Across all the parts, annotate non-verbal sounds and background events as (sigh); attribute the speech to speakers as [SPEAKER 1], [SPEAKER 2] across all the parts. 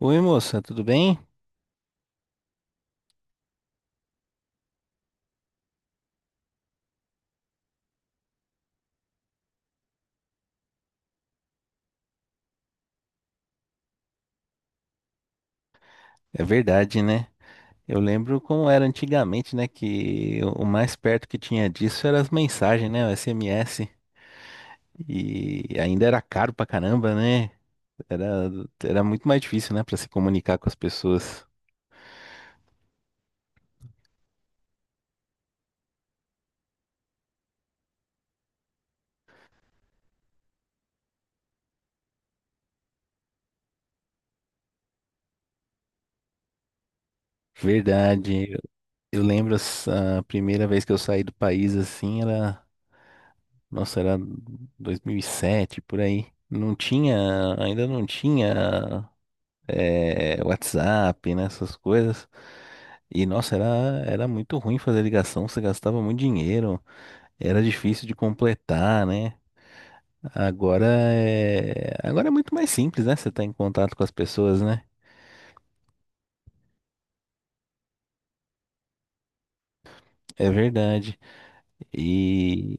[SPEAKER 1] Oi, moça, tudo bem? É verdade, né? Eu lembro como era antigamente, né? Que o mais perto que tinha disso era as mensagens, né? O SMS. E ainda era caro pra caramba, né? Era, era muito mais difícil, né? Pra se comunicar com as pessoas. Verdade. Eu lembro a primeira vez que eu saí do país assim, era. Nossa, era 2007, por aí. Não tinha. Ainda não tinha. WhatsApp, né, essas coisas. E nossa, era muito ruim fazer ligação, você gastava muito dinheiro, era difícil de completar, né? Agora é muito mais simples, né? Você tá em contato com as pessoas, né? É verdade. E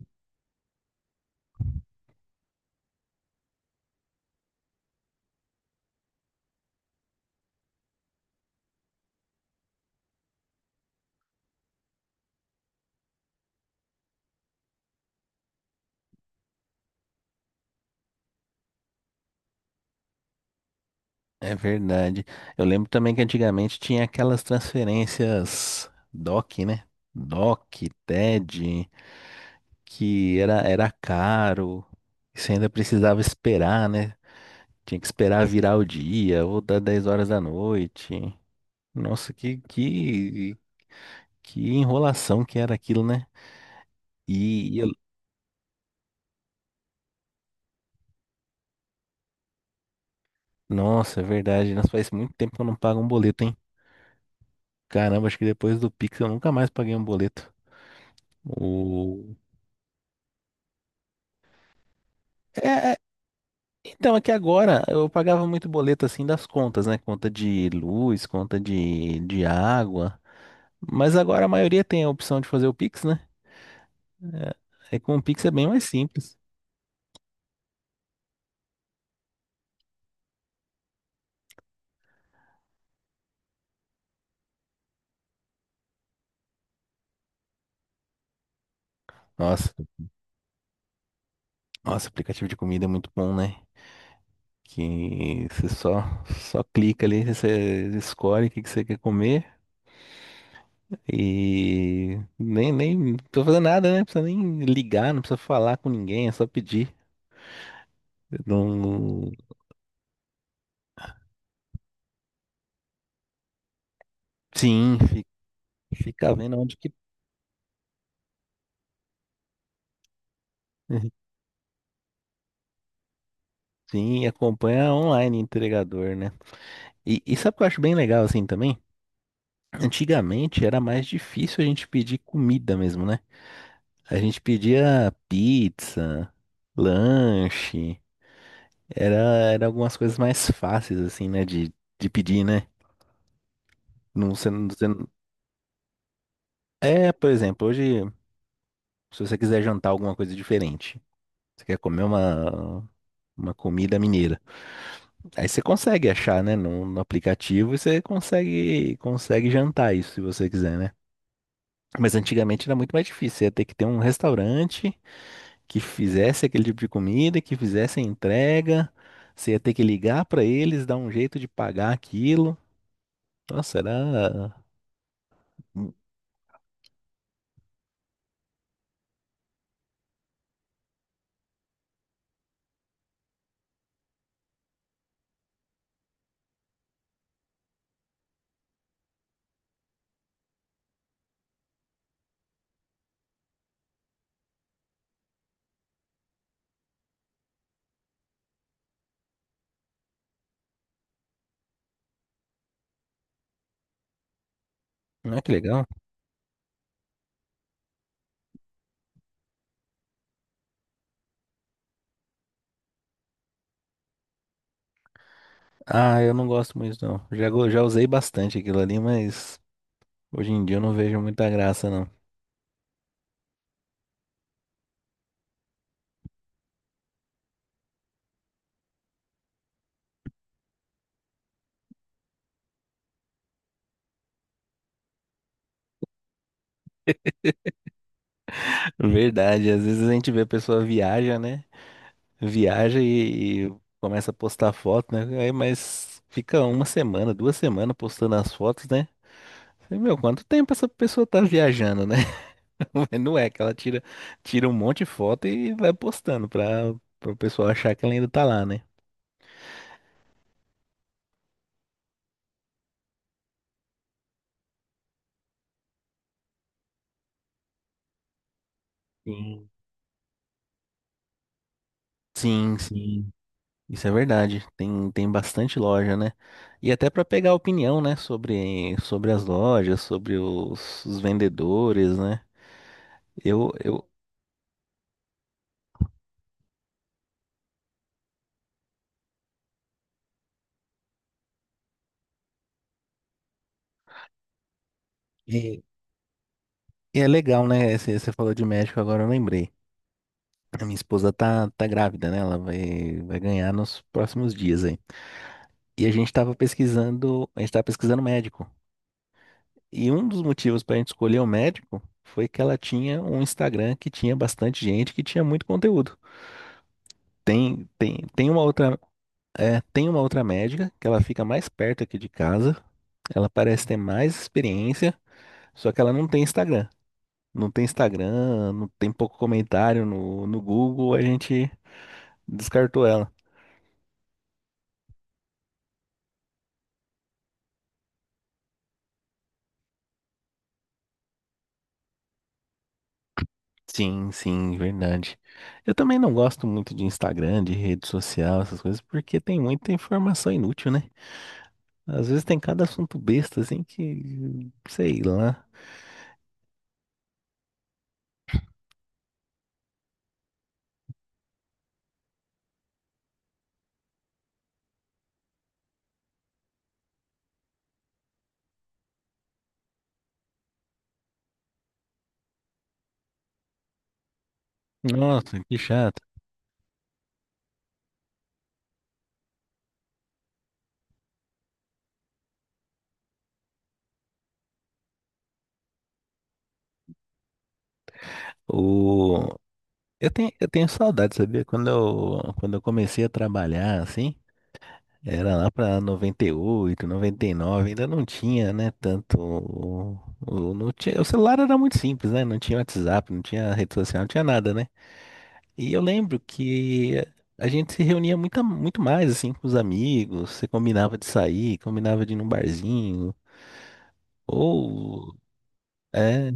[SPEAKER 1] é verdade. Eu lembro também que antigamente tinha aquelas transferências DOC, né? DOC, TED, era caro, e você ainda precisava esperar, né? Tinha que esperar virar o dia ou dar 10 horas da noite. Nossa, que enrolação que era aquilo, né? E, e eu- nossa, é verdade. Nós faz muito tempo que eu não pago um boleto, hein? Caramba, acho que depois do Pix eu nunca mais paguei um boleto. O... É, é, então, é que agora eu pagava muito boleto assim das contas, né? Conta de luz, conta de água. Mas agora a maioria tem a opção de fazer o Pix, né? É com o Pix é bem mais simples. Nossa, nossa, aplicativo de comida é muito bom, né? que você só, só clica ali, você escolhe o que que você quer comer e nem não precisa fazer nada, né? Não precisa nem ligar, não precisa falar com ninguém, é só pedir. Não, sim, fica vendo onde que. (laughs) Sim, e acompanha online entregador, né? E sabe o que eu acho bem legal assim também? Antigamente era mais difícil a gente pedir comida mesmo, né? A gente pedia pizza, lanche. Era algumas coisas mais fáceis, assim, né? De pedir, né? Não, você não- É, por exemplo, hoje, se você quiser jantar alguma coisa diferente, você quer comer uma comida mineira. Aí você consegue achar, né? No aplicativo e você consegue jantar isso, se você quiser, né? Mas antigamente era muito mais difícil. Você ia ter que ter um restaurante que fizesse aquele tipo de comida, que fizesse a entrega. Você ia ter que ligar pra eles, dar um jeito de pagar aquilo. Nossa, era. Ah, que legal. Ah, eu não gosto muito, não. Já usei bastante aquilo ali, mas hoje em dia eu não vejo muita graça, não. (laughs) Verdade, às vezes a gente vê a pessoa viaja, né? Viaja e começa a postar foto, né? Aí, mas fica uma semana, 2 semanas postando as fotos, né? Falei, meu, quanto tempo essa pessoa tá viajando, né? (laughs) Mas não é que ela tira, tira um monte de foto e vai postando pra o pessoal achar que ela ainda tá lá, né? Sim. Sim, sim, isso é verdade. Tem, tem bastante loja, né? E até para pegar opinião, né, sobre, sobre as lojas, sobre os vendedores, né? Eu, eu, e, e é legal, né? Você falou de médico, agora eu lembrei. A minha esposa tá grávida, né? Ela vai ganhar nos próximos dias aí. E a gente tava pesquisando, a gente tava pesquisando médico. E um dos motivos para a gente escolher o médico foi que ela tinha um Instagram que tinha bastante gente, que tinha muito conteúdo. Tem, tem, tem uma outra É, tem uma outra médica que ela fica mais perto aqui de casa. Ela parece ter mais experiência, só que ela não tem Instagram. Não tem Instagram, não tem pouco comentário no Google, a gente descartou ela. Sim, sim, verdade. Eu também não gosto muito de Instagram, de rede social, essas coisas, porque tem muita informação inútil, né? Às vezes tem cada assunto besta, assim, que, sei lá. Nossa, que chato. O... eu tenho saudade, sabia? Quando eu comecei a trabalhar, assim, era lá pra 98, 99, ainda não tinha, né, tanto... Não tinha, o celular era muito simples, né? Não tinha WhatsApp, não tinha rede social, não tinha nada, né? E eu lembro que a gente se reunia muito mais, assim, com os amigos. Você combinava de sair, combinava de ir num barzinho, ou... É,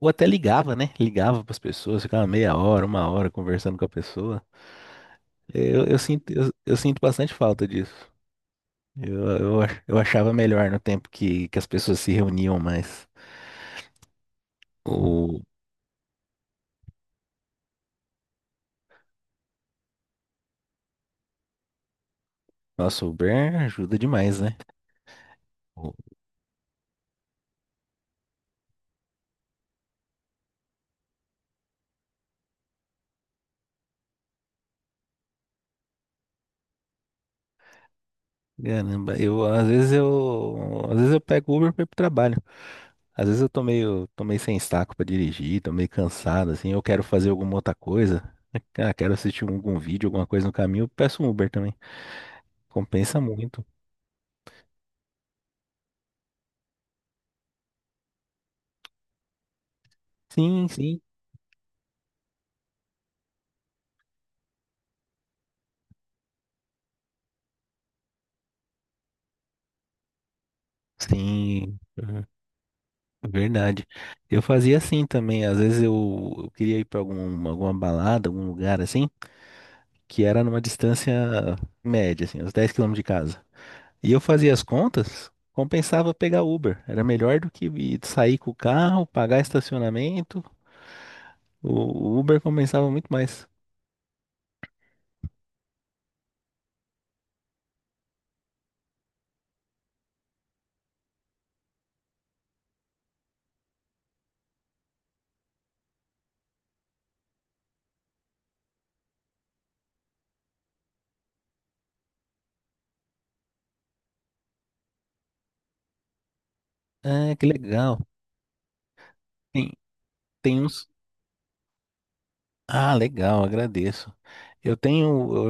[SPEAKER 1] ou até ligava, né? Ligava pras pessoas, ficava meia hora, uma hora conversando com a pessoa. Eu sinto bastante falta disso. Eu achava melhor no tempo que as pessoas se reuniam mais. O nosso Uber ajuda demais, né? O- Caramba, eu às vezes eu às vezes eu pego Uber para ir pro trabalho. Às vezes eu tô meio sem saco para dirigir, tô meio cansado assim, eu quero fazer alguma outra coisa. Ah, quero assistir algum vídeo, alguma coisa no caminho, eu peço um Uber também. Compensa muito. Sim, sim. Sim. Verdade. Eu fazia assim também. Às vezes eu queria ir pra alguma balada, algum lugar assim, que era numa distância média, assim, uns 10 quilômetros de casa. E eu fazia as contas, compensava pegar Uber. Era melhor do que sair com o carro, pagar estacionamento. O o Uber compensava muito mais. Ah, que legal. Tem, tem uns. Ah, legal, agradeço. Eu tenho,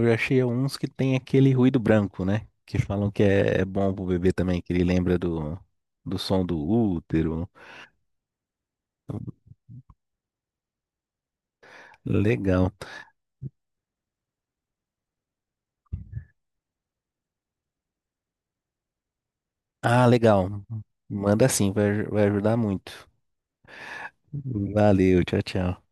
[SPEAKER 1] eu achei uns que tem aquele ruído branco, né? Que falam que é bom pro bebê também, que ele lembra do, do som do útero. Legal. Ah, legal. Manda sim, vai, vai ajudar muito. Valeu, tchau, tchau.